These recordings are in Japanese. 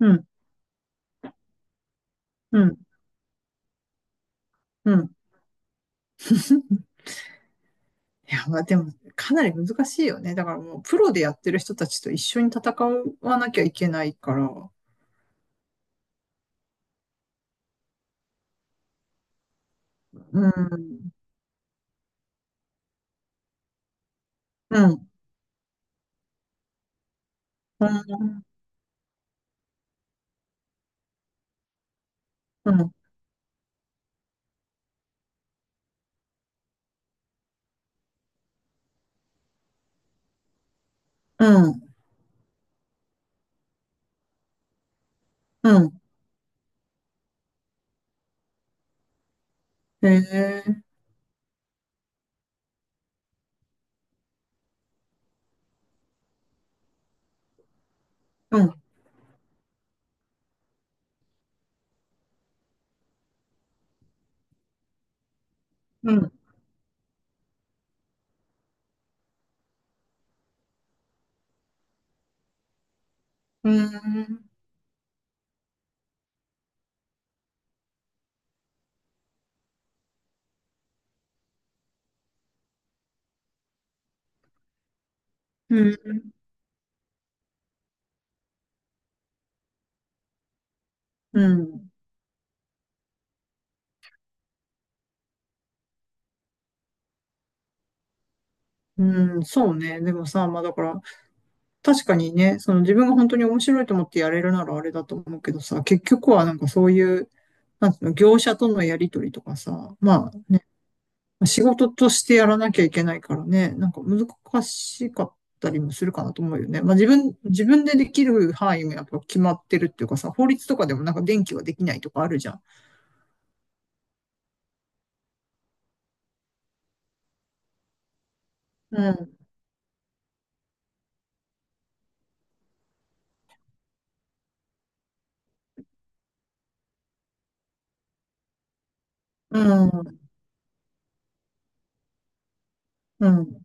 うん、うん、うん。いや、まあでも、かなり難しいよね。だからもう、プロでやってる人たちと一緒に戦わなきゃいけないから。うん、うん、うん、うん、うん、うん。へえ、うん、うん、うん、うん、うん。うん、そうね。でもさ、まあだから、確かにね、その自分が本当に面白いと思ってやれるならあれだと思うけどさ、結局はなんかそういう、なんていうの、業者とのやりとりとかさ、まあね仕事としてやらなきゃいけないからね、なんか難しかったりもするかなと思うよね。まあ自分、自分でできる範囲もやっぱ決まってるっていうかさ、法律とかでもなんか電気はできないとかあるじゃん。うん、うん、うん。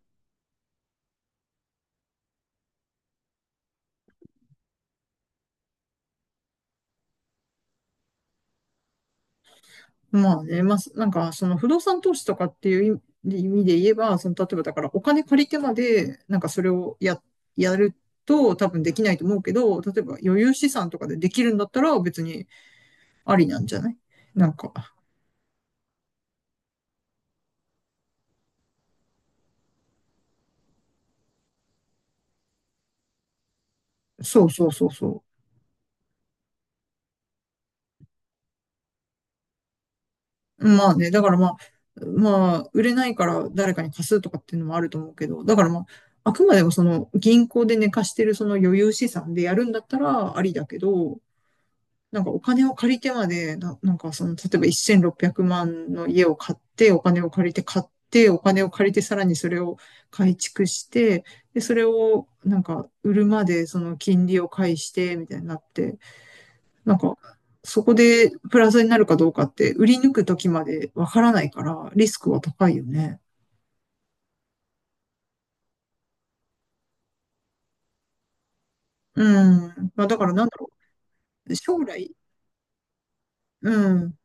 まあね、まあ、なんかその不動産投資とかっていう意味で言えば、その例えばだからお金借りてまで、なんかそれをやると多分できないと思うけど、例えば余裕資産とかでできるんだったら別にありなんじゃない？なんか、そうそうそうそう。まあね、だからまあ、まあ、売れないから誰かに貸すとかっていうのもあると思うけど、だからまあ、あくまでもその銀行で寝かしてるその余裕資産でやるんだったらありだけど、なんかお金を借りてまで、なんかその、例えば1600万の家を買って、お金を借りて買って、お金を借りてさらにそれを改築して、で、それをなんか売るまでその金利を返して、みたいになって、なんか、そこでプラスになるかどうかって、売り抜くときまでわからないから、リスクは高いよね。うん。まあ、だからなんだろう。将来、うん。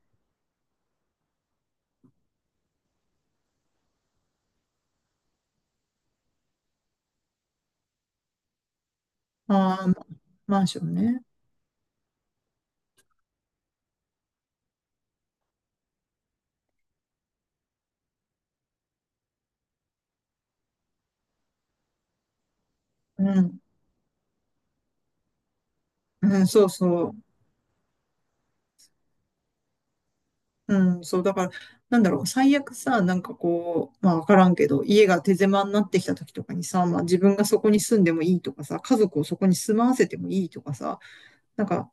ああ、マンションね。うん。うん、そうそう。うん、そう。だから、なんだろう。最悪さ、なんかこう、まあわからんけど、家が手狭になってきた時とかにさ、まあ自分がそこに住んでもいいとかさ、家族をそこに住まわせてもいいとかさ、なんか、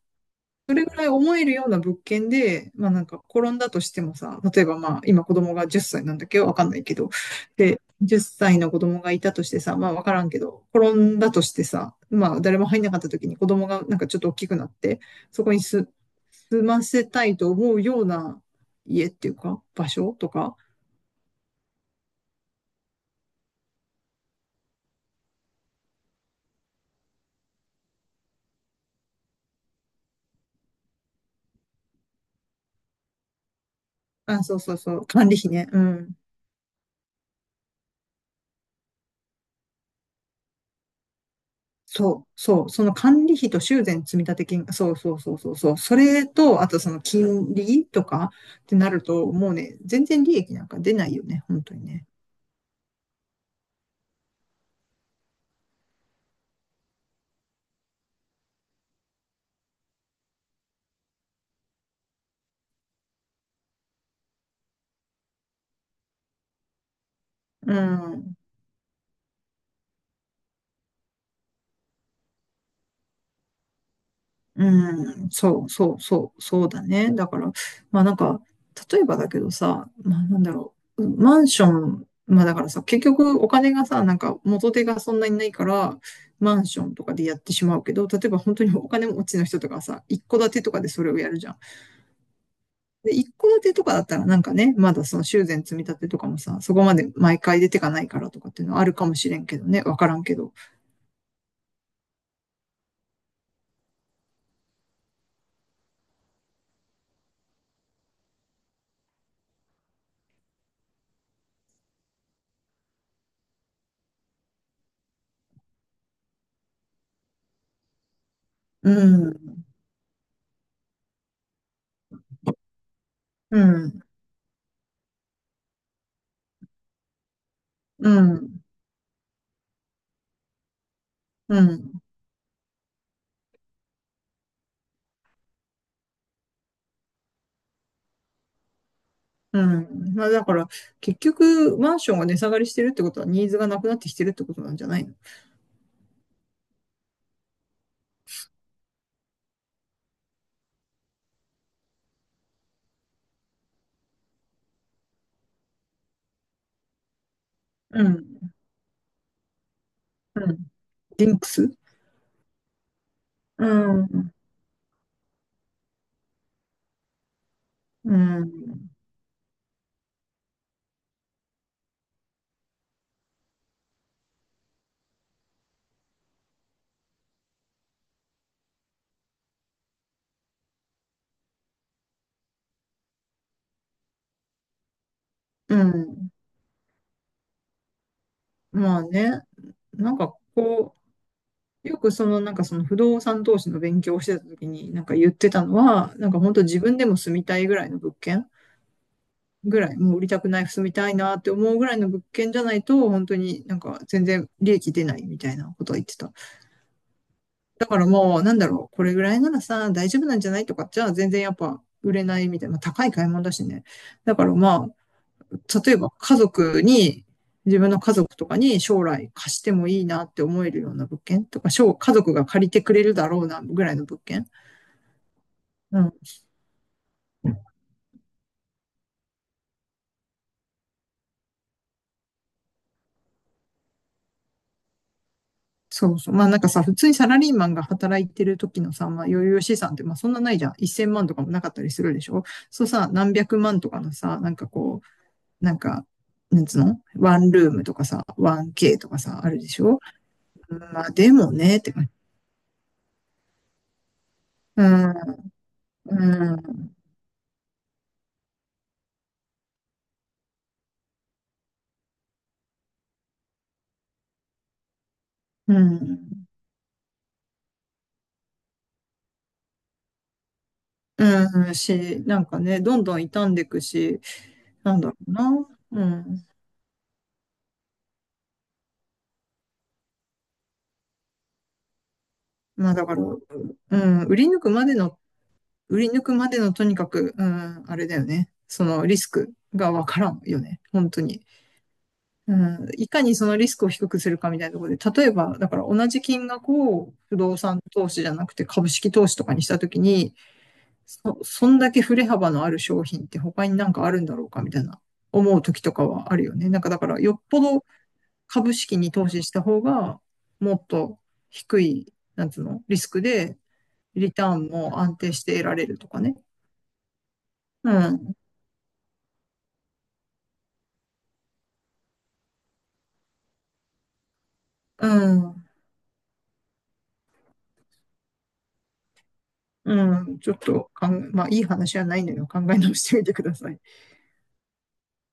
それぐらい思えるような物件で、まあなんか転んだとしてもさ、例えばまあ今子供が10歳なんだっけど、わかんないけど、で、10歳の子供がいたとしてさ、まあわからんけど、転んだとしてさ、まあ誰も入んなかった時に子供がなんかちょっと大きくなって、そこに住ませたいと思うような家っていうか、場所とか、あ、そうそうそう、管理費ね、うん。そう、そう、その管理費と修繕積立金、そうそうそうそう、そう、それと、あとその金利とかってなると、もうね、全然利益なんか出ないよね、本当にね。うん、うん、そうそうそう、そうだね。だから、まあなんか、例えばだけどさ、まあなんだろう、マンション、まあだからさ、結局お金がさ、なんか元手がそんなにないから、マンションとかでやってしまうけど、例えば本当にお金持ちの人とかさ、一戸建てとかでそれをやるじゃん。で、一戸建てとかだったらなんかね、まだその修繕積み立てとかもさ、そこまで毎回出てかないからとかっていうのはあるかもしれんけどね、わからんけど。うん、うん、うん、うん、うん。まあだから、結局、マンションが値下がりしてるってことはニーズがなくなってきてるってことなんじゃないの？うん、うん。リンクス。うん、うん、うん。まあね、なんかこう、よくそのなんかその不動産投資の勉強をしてた時になんか言ってたのは、なんか本当自分でも住みたいぐらいの物件ぐらい、もう売りたくない、住みたいなって思うぐらいの物件じゃないと、本当になんか全然利益出ないみたいなことは言ってた。だからもうなんだろう、これぐらいならさ、大丈夫なんじゃないとかじゃあ全然やっぱ売れないみたいな、まあ高い買い物だしね。だからまあ、例えば家族に、自分の家族とかに将来貸してもいいなって思えるような物件とか、家族が借りてくれるだろうなぐらいの物件。うん。そうそう。まあなんかさ、普通にサラリーマンが働いてる時のさ、まあ余裕資産ってまあそんなないじゃん。1000万とかもなかったりするでしょ？そうさ、何百万とかのさ、なんかこう、なんか、なんつうのワンルームとかさ、1K とかさ、あるでしょ？まあでもね、って感じ。うん、うん、うん。うん、し、なんかね、どんどん傷んでいくし、なんだろうな。うん。まあだから、うん、売り抜くまでの、売り抜くまでのとにかく、うん、あれだよね。そのリスクがわからんよね。本当に。うん、いかにそのリスクを低くするかみたいなところで、例えば、だから同じ金額を不動産投資じゃなくて株式投資とかにしたときに、そ、そんだけ振れ幅のある商品って他になんかあるんだろうかみたいな思うときとかはあるよね。なんかだから、よっぽど株式に投資した方が、もっと低い、なんつうの、リスクで、リターンも安定して得られるとかね。うん、うん、うん、ちょっとかん、まあ、いい話はないのよ。考え直してみてください。